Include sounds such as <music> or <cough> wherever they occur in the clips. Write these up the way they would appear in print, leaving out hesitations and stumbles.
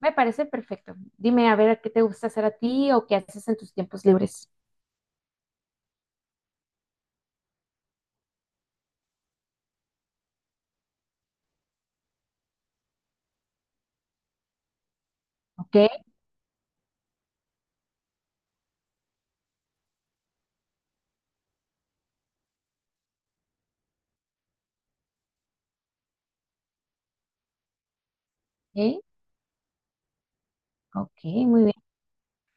Me parece perfecto. Dime a ver qué te gusta hacer a ti o qué haces en tus tiempos libres. Ok, ok, ok, muy bien.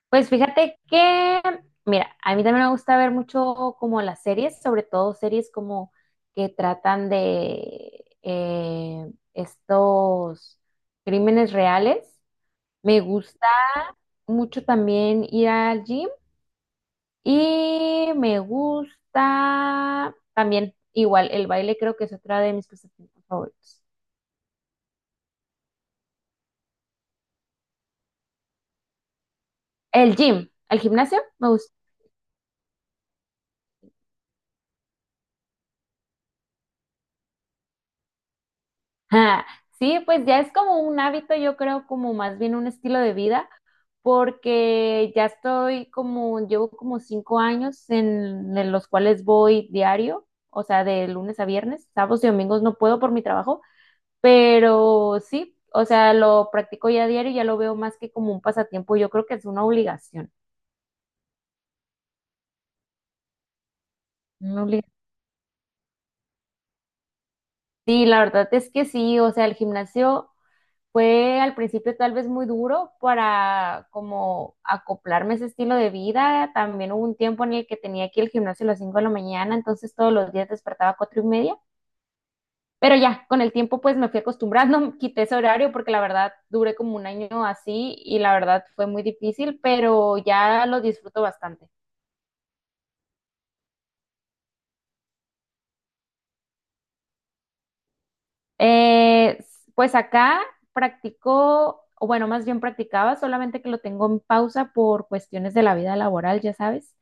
Pues fíjate que, mira, a mí también me gusta ver mucho como las series, sobre todo series como que tratan de estos crímenes reales. Me gusta mucho también ir al gym y me gusta también igual el baile, creo que es otra de mis pasatiempos favoritos. El gym, el gimnasio, me gusta. <laughs> Ah, sí, pues ya es como un hábito, yo creo, como más bien un estilo de vida, porque ya estoy como, llevo como 5 años en los cuales voy diario, o sea, de lunes a viernes, sábados y domingos no puedo por mi trabajo, pero sí, o sea, lo practico ya diario, ya lo veo más que como un pasatiempo, yo creo que es una obligación, una obligación. Sí, la verdad es que sí, o sea, el gimnasio fue al principio tal vez muy duro para como acoplarme a ese estilo de vida. También hubo un tiempo en el que tenía aquí el gimnasio a las 5 de la mañana, entonces todos los días despertaba a 4 y media. Pero ya, con el tiempo pues me fui acostumbrando, <laughs> quité ese horario porque la verdad duré como un año así y la verdad fue muy difícil, pero ya lo disfruto bastante. Eh, pues acá practicó, o bueno, más bien practicaba, solamente que lo tengo en pausa por cuestiones de la vida laboral, ya sabes.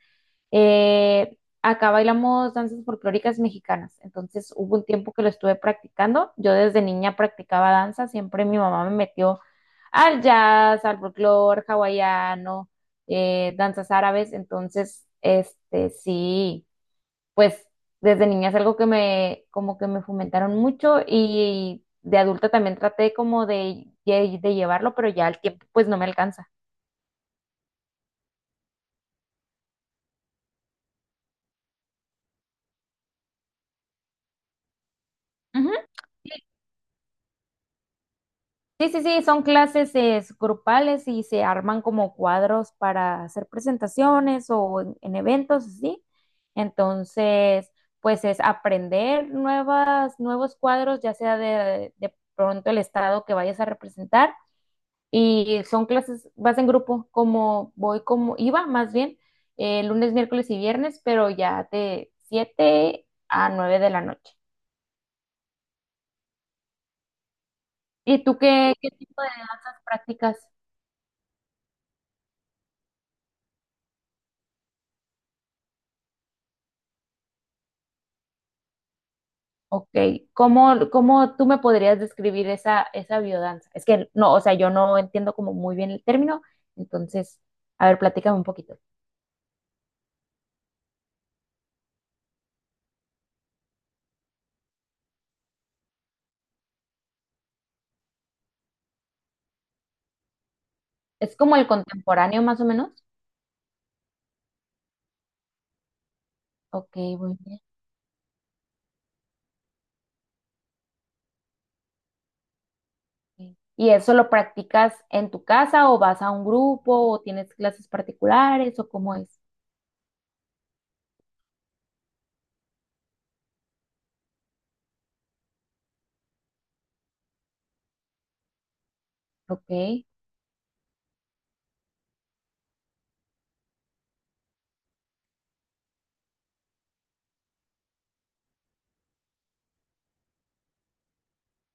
Eh, Acá bailamos danzas folclóricas mexicanas, entonces hubo un tiempo que lo estuve practicando. Yo desde niña practicaba danza, siempre mi mamá me metió al jazz, al folclore hawaiano, danzas árabes, entonces, este, sí, pues desde niña es algo que me, como que me fomentaron mucho y de adulta también traté como de llevarlo, pero ya el tiempo pues no me alcanza. Ujú. Sí, sí, sí, son clases grupales y se arman como cuadros para hacer presentaciones o en eventos, ¿sí? Entonces, pues es aprender nuevas, nuevos cuadros, ya sea de pronto el estado que vayas a representar. Y son clases, vas en grupo, como voy, como iba más bien, lunes, miércoles y viernes, pero ya de 7 a 9 de la noche. ¿Y tú qué, qué tipo de danzas practicas? Ok, ¿cómo, cómo tú me podrías describir esa, esa biodanza? Es que no, o sea, yo no entiendo como muy bien el término, entonces, a ver, platícame un poquito. ¿Es como el contemporáneo más o menos? Ok, bueno. ¿Y eso lo practicas en tu casa o vas a un grupo o tienes clases particulares o cómo es? Ok,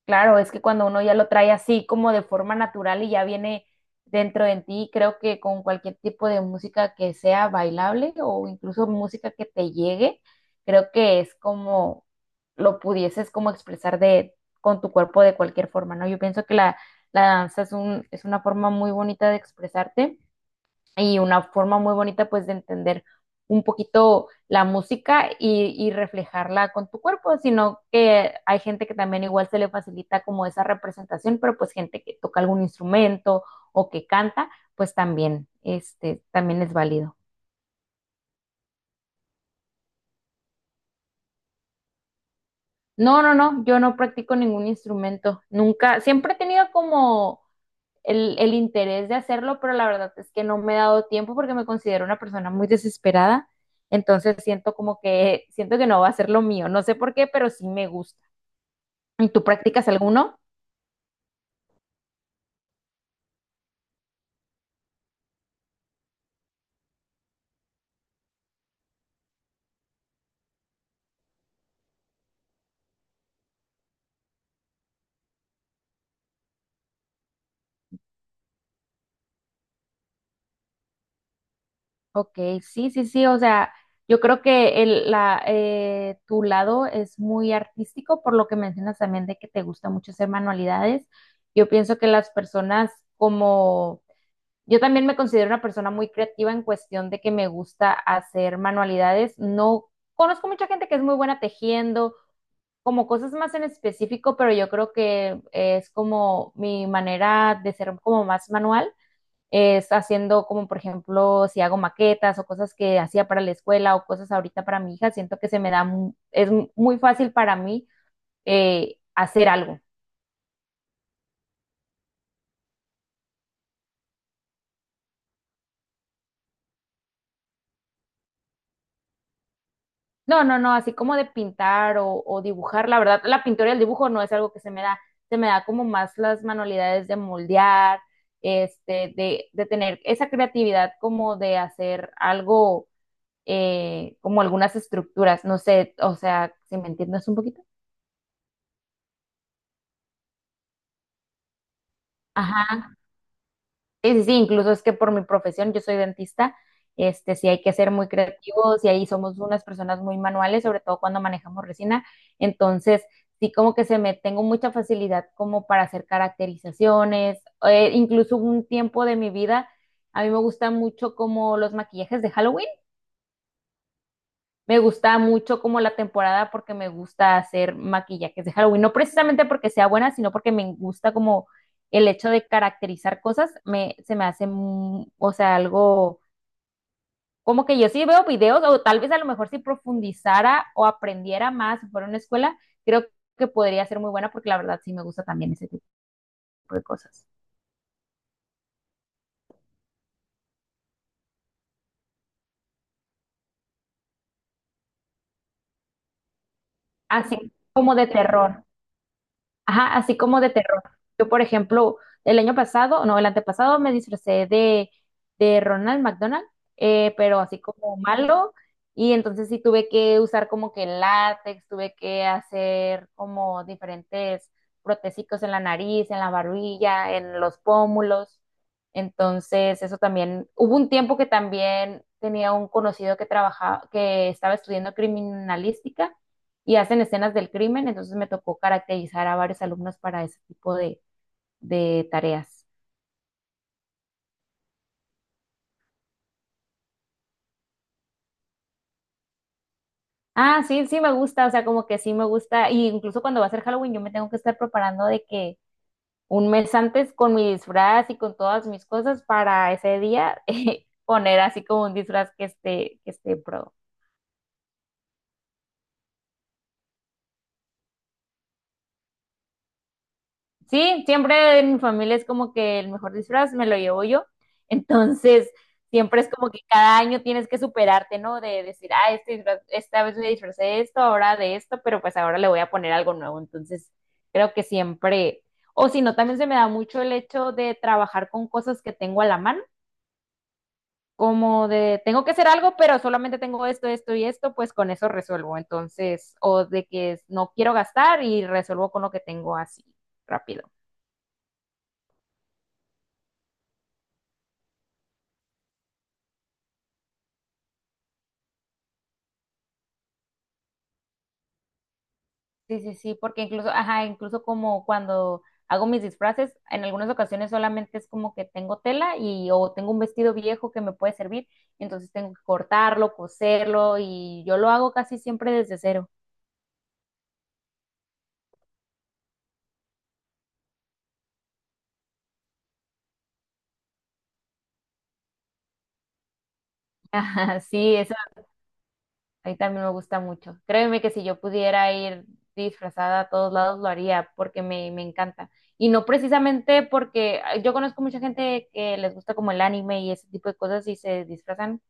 claro, es que cuando uno ya lo trae así como de forma natural y ya viene dentro de ti, creo que con cualquier tipo de música que sea bailable o incluso música que te llegue, creo que es como lo pudieses como expresar de con tu cuerpo de cualquier forma, ¿no? Yo pienso que la danza es un, es una forma muy bonita de expresarte y una forma muy bonita pues de entender un poquito la música y reflejarla con tu cuerpo, sino que hay gente que también igual se le facilita como esa representación, pero pues gente que toca algún instrumento o que canta, pues también, este, también es válido. No, no, no, yo no practico ningún instrumento, nunca, siempre he tenido como el interés de hacerlo, pero la verdad es que no me he dado tiempo porque me considero una persona muy desesperada. Entonces siento como que, siento que no va a ser lo mío. No sé por qué, pero sí me gusta. ¿Y ¿Tú practicas alguno? Ok, sí, sí, sí. O sea, yo creo que el, la, tu lado es muy artístico, por lo que mencionas también de que te gusta mucho hacer manualidades. Yo pienso que las personas como, yo también me considero una persona muy creativa en cuestión de que me gusta hacer manualidades. No conozco mucha gente que es muy buena tejiendo, como cosas más en específico, pero yo creo que es como mi manera de ser como más manual, es haciendo como por ejemplo si hago maquetas o cosas que hacía para la escuela o cosas ahorita para mi hija, siento que se me da, es muy fácil para mí hacer algo. No, no, no, así como de pintar o dibujar, la verdad, la pintura y el dibujo no es algo que se me da como más las manualidades de moldear, este, de tener esa creatividad como de hacer algo, como algunas estructuras, no sé, o sea, si me entiendes un poquito. Sí, sí, sí, incluso es que por mi profesión, yo soy dentista, este, sí hay que ser muy creativos y ahí somos unas personas muy manuales, sobre todo cuando manejamos resina. Entonces, sí como que se me tengo mucha facilidad como para hacer caracterizaciones, incluso un tiempo de mi vida, a mí me gustan mucho como los maquillajes de Halloween. Me gusta mucho como la temporada porque me gusta hacer maquillajes de Halloween, no precisamente porque sea buena, sino porque me gusta como el hecho de caracterizar cosas, me, se me hace, o sea, algo como que yo sí veo videos o tal vez a lo mejor si profundizara o aprendiera más, si fuera una escuela, creo que podría ser muy buena porque la verdad sí me gusta también ese tipo de cosas. Así como de terror. Ajá, así como de terror. Yo, por ejemplo, el año pasado, no, el antepasado me disfracé de Ronald McDonald, pero así como malo, y entonces sí tuve que usar como que látex, tuve que hacer como diferentes protésicos en la nariz, en la barbilla, en los pómulos. Entonces, eso también, hubo un tiempo que también tenía un conocido que trabajaba, que estaba estudiando criminalística y hacen escenas del crimen, entonces me tocó caracterizar a varios alumnos para ese tipo de tareas. Ah, sí, sí me gusta, o sea, como que sí me gusta, y incluso cuando va a ser Halloween yo me tengo que estar preparando de que un mes antes con mi disfraz y con todas mis cosas para ese día <laughs> poner así como un disfraz que esté pro. Sí, siempre en mi familia es como que el mejor disfraz me lo llevo yo. <laughs> Entonces, siempre es como que cada año tienes que superarte, ¿no? De decir, ah, esta vez me disfracé de esto, ahora de esto, pero pues ahora le voy a poner algo nuevo. Entonces, creo que siempre, o si no, también se me da mucho el hecho de trabajar con cosas que tengo a la mano como de tengo que hacer algo, pero solamente tengo esto, esto y esto, pues con eso resuelvo. Entonces, o de que no quiero gastar y resuelvo con lo que tengo así, rápido. Sí, sí, sí, porque incluso, ajá, incluso como cuando hago mis disfraces, en algunas ocasiones solamente es como que tengo tela y o tengo un vestido viejo que me puede servir, entonces tengo que cortarlo, coserlo y yo lo hago casi siempre desde cero. <laughs> Ajá, sí, eso a mí también me gusta mucho. Créeme que si yo pudiera ir disfrazada a todos lados lo haría porque me encanta. Y no precisamente porque ah, yo conozco mucha gente que les gusta como el anime y ese tipo de cosas y se disfrazan,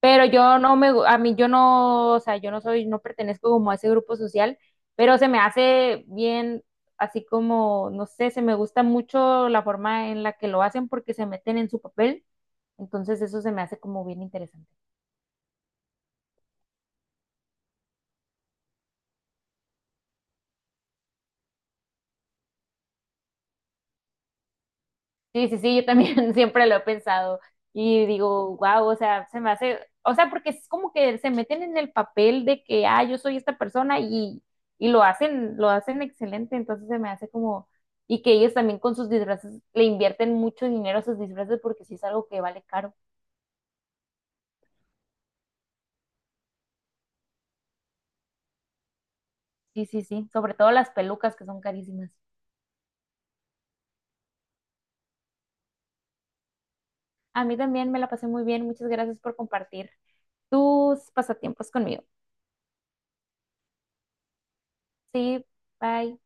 pero yo no me, a mí yo no, o sea, yo no soy, no pertenezco como a ese grupo social, pero se me hace bien, así como, no sé, se me gusta mucho la forma en la que lo hacen porque se meten en su papel, entonces eso se me hace como bien interesante. Sí, sí, sí, yo también <laughs> siempre lo he pensado y digo, wow, o sea, se me hace, o sea, porque es como que se meten en el papel de que, ah, yo soy esta persona y lo hacen excelente, entonces se me hace como, y que ellos también con sus disfraces le invierten mucho dinero a sus disfraces porque sí es algo que vale caro. Sí, sí, sí, sobre todo las pelucas que son carísimas. A mí también me la pasé muy bien, muchas gracias por compartir tus pasatiempos conmigo. Sí, bye.